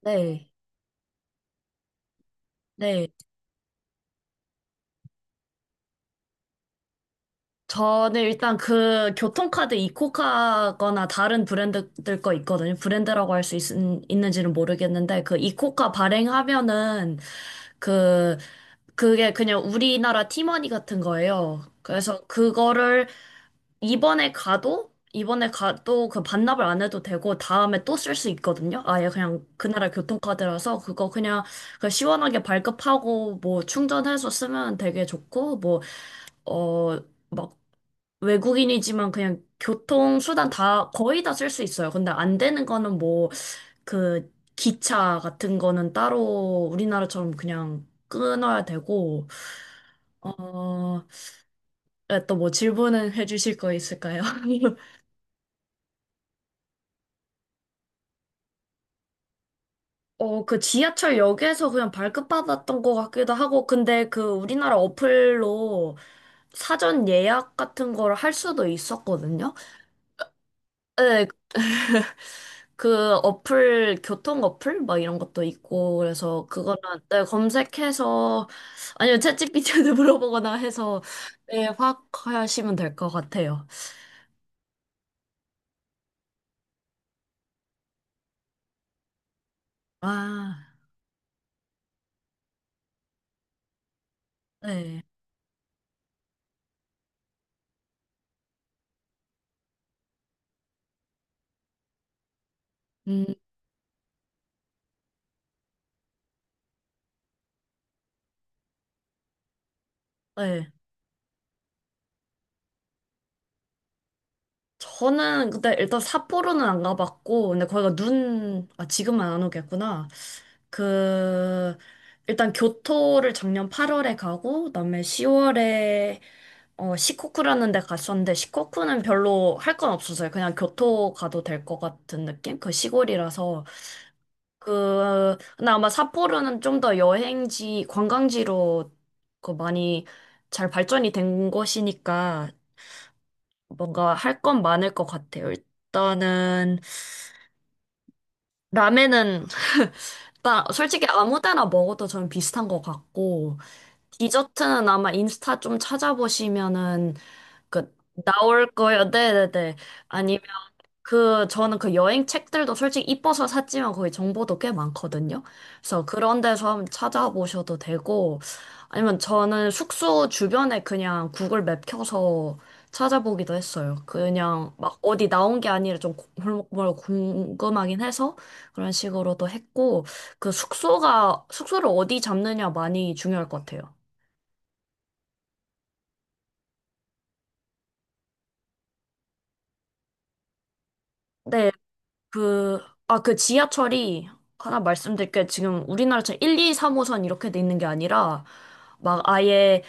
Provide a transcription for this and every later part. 네, 네. 저는 일단 그 교통카드 이코카거나 다른 브랜드들 거 있거든요. 브랜드라고 할 수 있는지는 모르겠는데, 그 이코카 발행하면은 그, 그게 그냥 우리나라 티머니 같은 거예요. 그래서 그거를 이번에 가도 그 반납을 안 해도 되고, 다음에 또 쓸 수 있거든요. 아예 그냥 그 나라 교통카드라서 그거 그냥 그 시원하게 발급하고 뭐 충전해서 쓰면 되게 좋고, 뭐 어, 막 외국인이지만 그냥 교통수단 다 거의 다 쓸 수 있어요. 근데 안 되는 거는 뭐 그 기차 같은 거는 따로 우리나라처럼 그냥 끊어야 되고, 어, 또 뭐 질문은 해주실 거 있을까요? 그 지하철역에서 그냥 발급받았던 것 같기도 하고, 근데 그 우리나라 어플로 사전 예약 같은 거를 할 수도 있었거든요. 네, 그 어플, 교통 어플? 막 이런 것도 있고, 그래서 그거는 네, 검색해서, 아니면 챗 g 비 t 한테 물어보거나 해서, 네, 확 하시면 될 것 같아요. 아, 네. 음, 네. 저는 근데 일단 삿포로는 안 가봤고, 근데 거기가 눈, 아, 지금은 안 오겠구나. 그, 일단 교토를 작년 8월에 가고, 그다음에 10월에 시코쿠라는 데 갔었는데, 시코쿠는 별로 할 건 없었어요. 그냥 교토 가도 될 것 같은 느낌? 그 시골이라서. 그, 근데 아마 삿포로는 좀 더 여행지, 관광지로 그 많이 잘 발전이 된 곳이니까 뭔가 할 건 많을 것 같아요. 일단은 라멘은 일단 솔직히 아무 데나 먹어도 저는 비슷한 것 같고 디저트는 아마 인스타 좀 찾아보시면은 그 나올 거예요. 네네네. 그, 저는 그 여행 책들도 솔직히 이뻐서 샀지만 거기 정보도 꽤 많거든요. 그래서 그런 데서 한번 찾아보셔도 되고, 아니면 저는 숙소 주변에 그냥 구글 맵 켜서 찾아보기도 했어요. 그냥 막 어디 나온 게 아니라 좀 골목골목 궁금하긴 해서 그런 식으로도 했고, 그 숙소를 어디 잡느냐 많이 중요할 것 같아요. 네, 그, 아, 그 지하철이 하나 말씀드릴 게 지금 우리나라처럼 1, 2, 3호선 이렇게 돼 있는 게 아니라 막 아예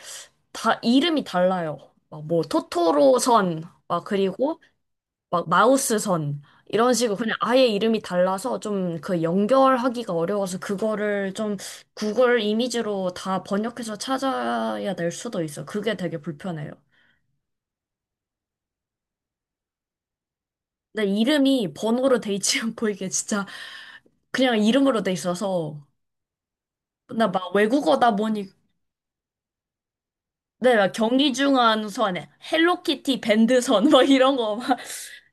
다 이름이 달라요. 막 뭐 토토로선, 막 그리고 막 마우스선 이런 식으로 그냥 아예 이름이 달라서 좀 그 연결하기가 어려워서 그거를 좀 구글 이미지로 다 번역해서 찾아야 될 수도 있어. 그게 되게 불편해요. 근데 이름이 번호로 돼 있지 않고 이게 진짜 그냥 이름으로 돼 있어서 나 막 외국어다 보니 내가 경기 중한 선에 헬로키티 밴드 선뭐 이런 거 막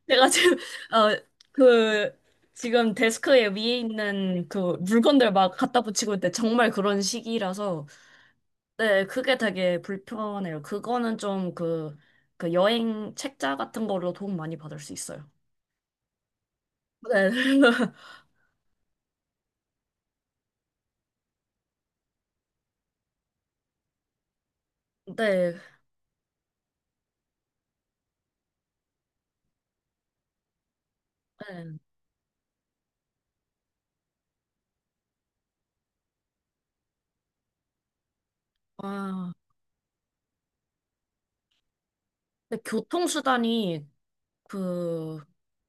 내가 지금 어그 지금 데스크에 위에 있는 그 물건들 막 갖다 붙이고 있는데 정말 그런 시기라서 네 그게 되게 불편해요. 그거는 좀 그 여행 책자 같은 걸로 도움 많이 받을 수 있어요. 네. 네. 네. 아, 근데 교통수단이 그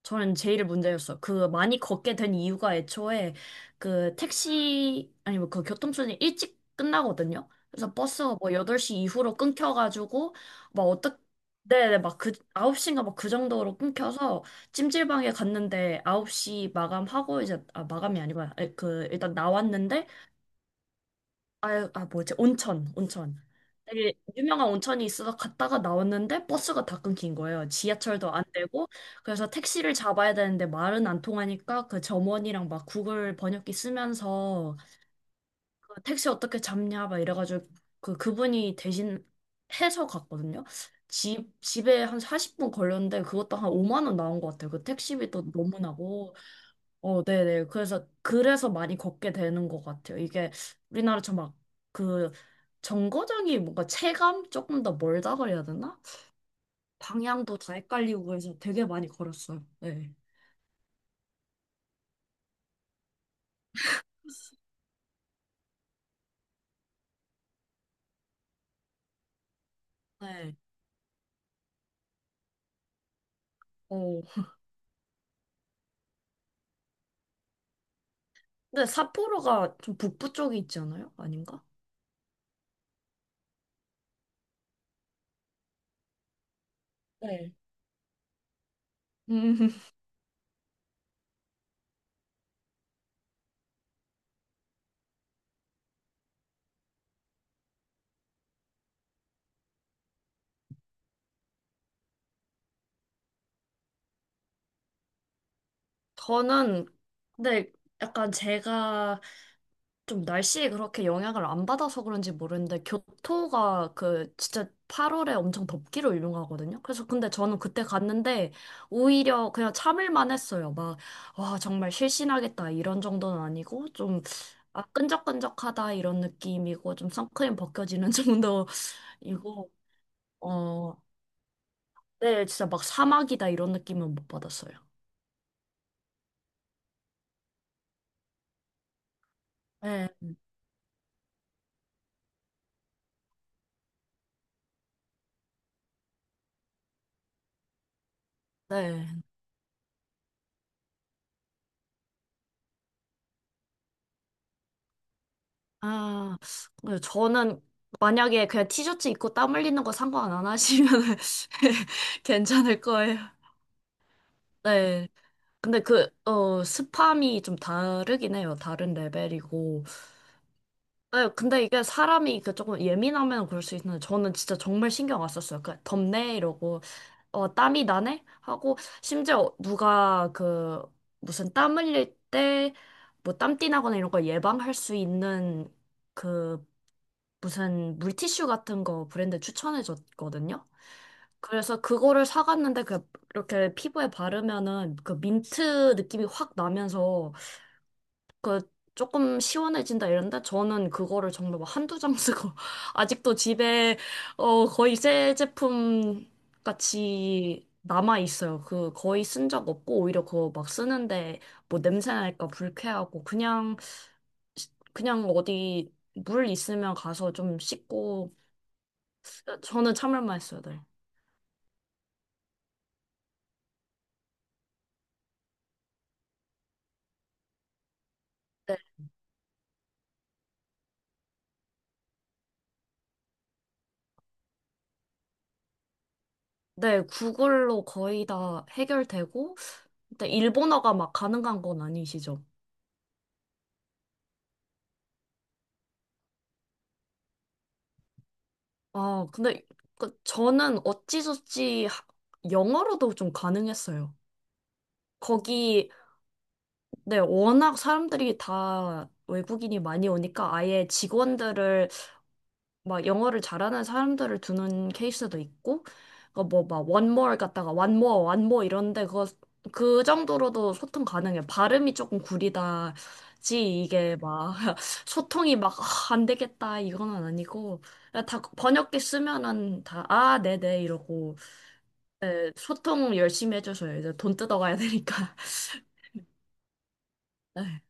저는 제일 문제였어. 그 많이 걷게 된 이유가 애초에 그 택시 아니 뭐 그 교통수단이 일찍 끝나거든요. 그래서 버스가 뭐 8시 이후로 끊겨가지고 막 어떻게 네네 막 그 9시인가 막 그 정도로 끊겨서 찜질방에 갔는데 9시 마감하고 이제 아 마감이 아니구나. 아니, 그 일단 나왔는데 아, 아 뭐지? 온천, 온천. 되게 유명한 온천이 있어서 갔다가 나왔는데 버스가 다 끊긴 거예요. 지하철도 안 되고. 그래서 택시를 잡아야 되는데 말은 안 통하니까 그 점원이랑 막 구글 번역기 쓰면서 그 택시 어떻게 잡냐 막 이래가지고 그 그분이 대신 해서 갔거든요. 집에 한 40분 걸렸는데 그것도 한 5만 원 나온 것 같아요. 그 택시비도 너무 나고. 어, 네네. 그래서 많이 걷게 되는 것 같아요. 이게 우리나라처럼 막, 그, 정거장이 뭔가 체감 조금 더 멀다 그래야 되나? 방향도 다 헷갈리고 그래서 되게 많이 걸었어요. 네. 네. 어. 근데 삿포로가 좀 북부 쪽에 있지 않아요? 아닌가? 네. 음, 저는, 근데 약간 제가 좀 날씨에 그렇게 영향을 안 받아서 그런지 모르는데 교토가 그 진짜 8월에 엄청 덥기로 유명하거든요. 그래서 근데 저는 그때 갔는데 오히려 그냥 참을만 했어요. 막, 와, 정말 실신하겠다 이런 정도는 아니고 좀 아, 끈적끈적하다 이런 느낌이고 좀 선크림 벗겨지는 정도이고 어, 네, 진짜 막 사막이다 이런 느낌은 못 받았어요. 네, 네. 아, 네, 저는 만약에 그냥 티셔츠 입고 땀 흘리는 거 상관 안 하시면 괜찮을 거예요. 네. 근데 그, 스팸이 좀 다르긴 해요. 다른 레벨이고. 네, 근데 이게 사람이 그 조금 예민하면 그럴 수 있는데 저는 진짜 정말 신경 안 썼어요. 그 덥네 이러고 땀이 나네 하고 심지어 누가 그 무슨 땀 흘릴 때 뭐 땀띠 나거나 이런 걸 예방할 수 있는 그 무슨 물티슈 같은 거 브랜드 추천해 줬거든요. 그래서 그거를 사갔는데 그 이렇게 피부에 바르면은 그 민트 느낌이 확 나면서 그 조금 시원해진다 이런데 저는 그거를 정말 막 한두 장 쓰고 아직도 집에 어 거의 새 제품 같이 남아 있어요. 그 거의 쓴 적 없고 오히려 그거 막 쓰는데 뭐 냄새 날까 불쾌하고 그냥 그냥 어디 물 있으면 가서 좀 씻고 저는 참을만 했어요, 네. 네. 네, 구글로 거의 다 해결되고, 근데 일본어가 막 가능한 건 아니시죠? 아, 근데 그 저는 어찌저찌 영어로도 좀 가능했어요. 거기, 네, 워낙 사람들이 다 외국인이 많이 오니까 아예 직원들을 막 영어를 잘하는 사람들을 두는 케이스도 있고, 뭐막 one more 갖다가 one more, one more 이런데 그거 그 정도로도 소통 가능해. 발음이 조금 구리다지 이게 막 소통이 막 아, 안 되겠다 이거는 아니고 다 번역기 쓰면은 다 아 네네 이러고 네, 소통 열심히 해줘서요. 이제 돈 뜯어가야 되니까. 네,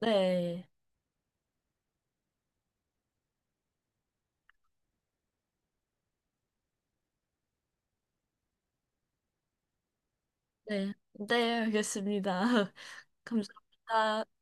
네, 네, 네, 알겠습니다. 감사합니다.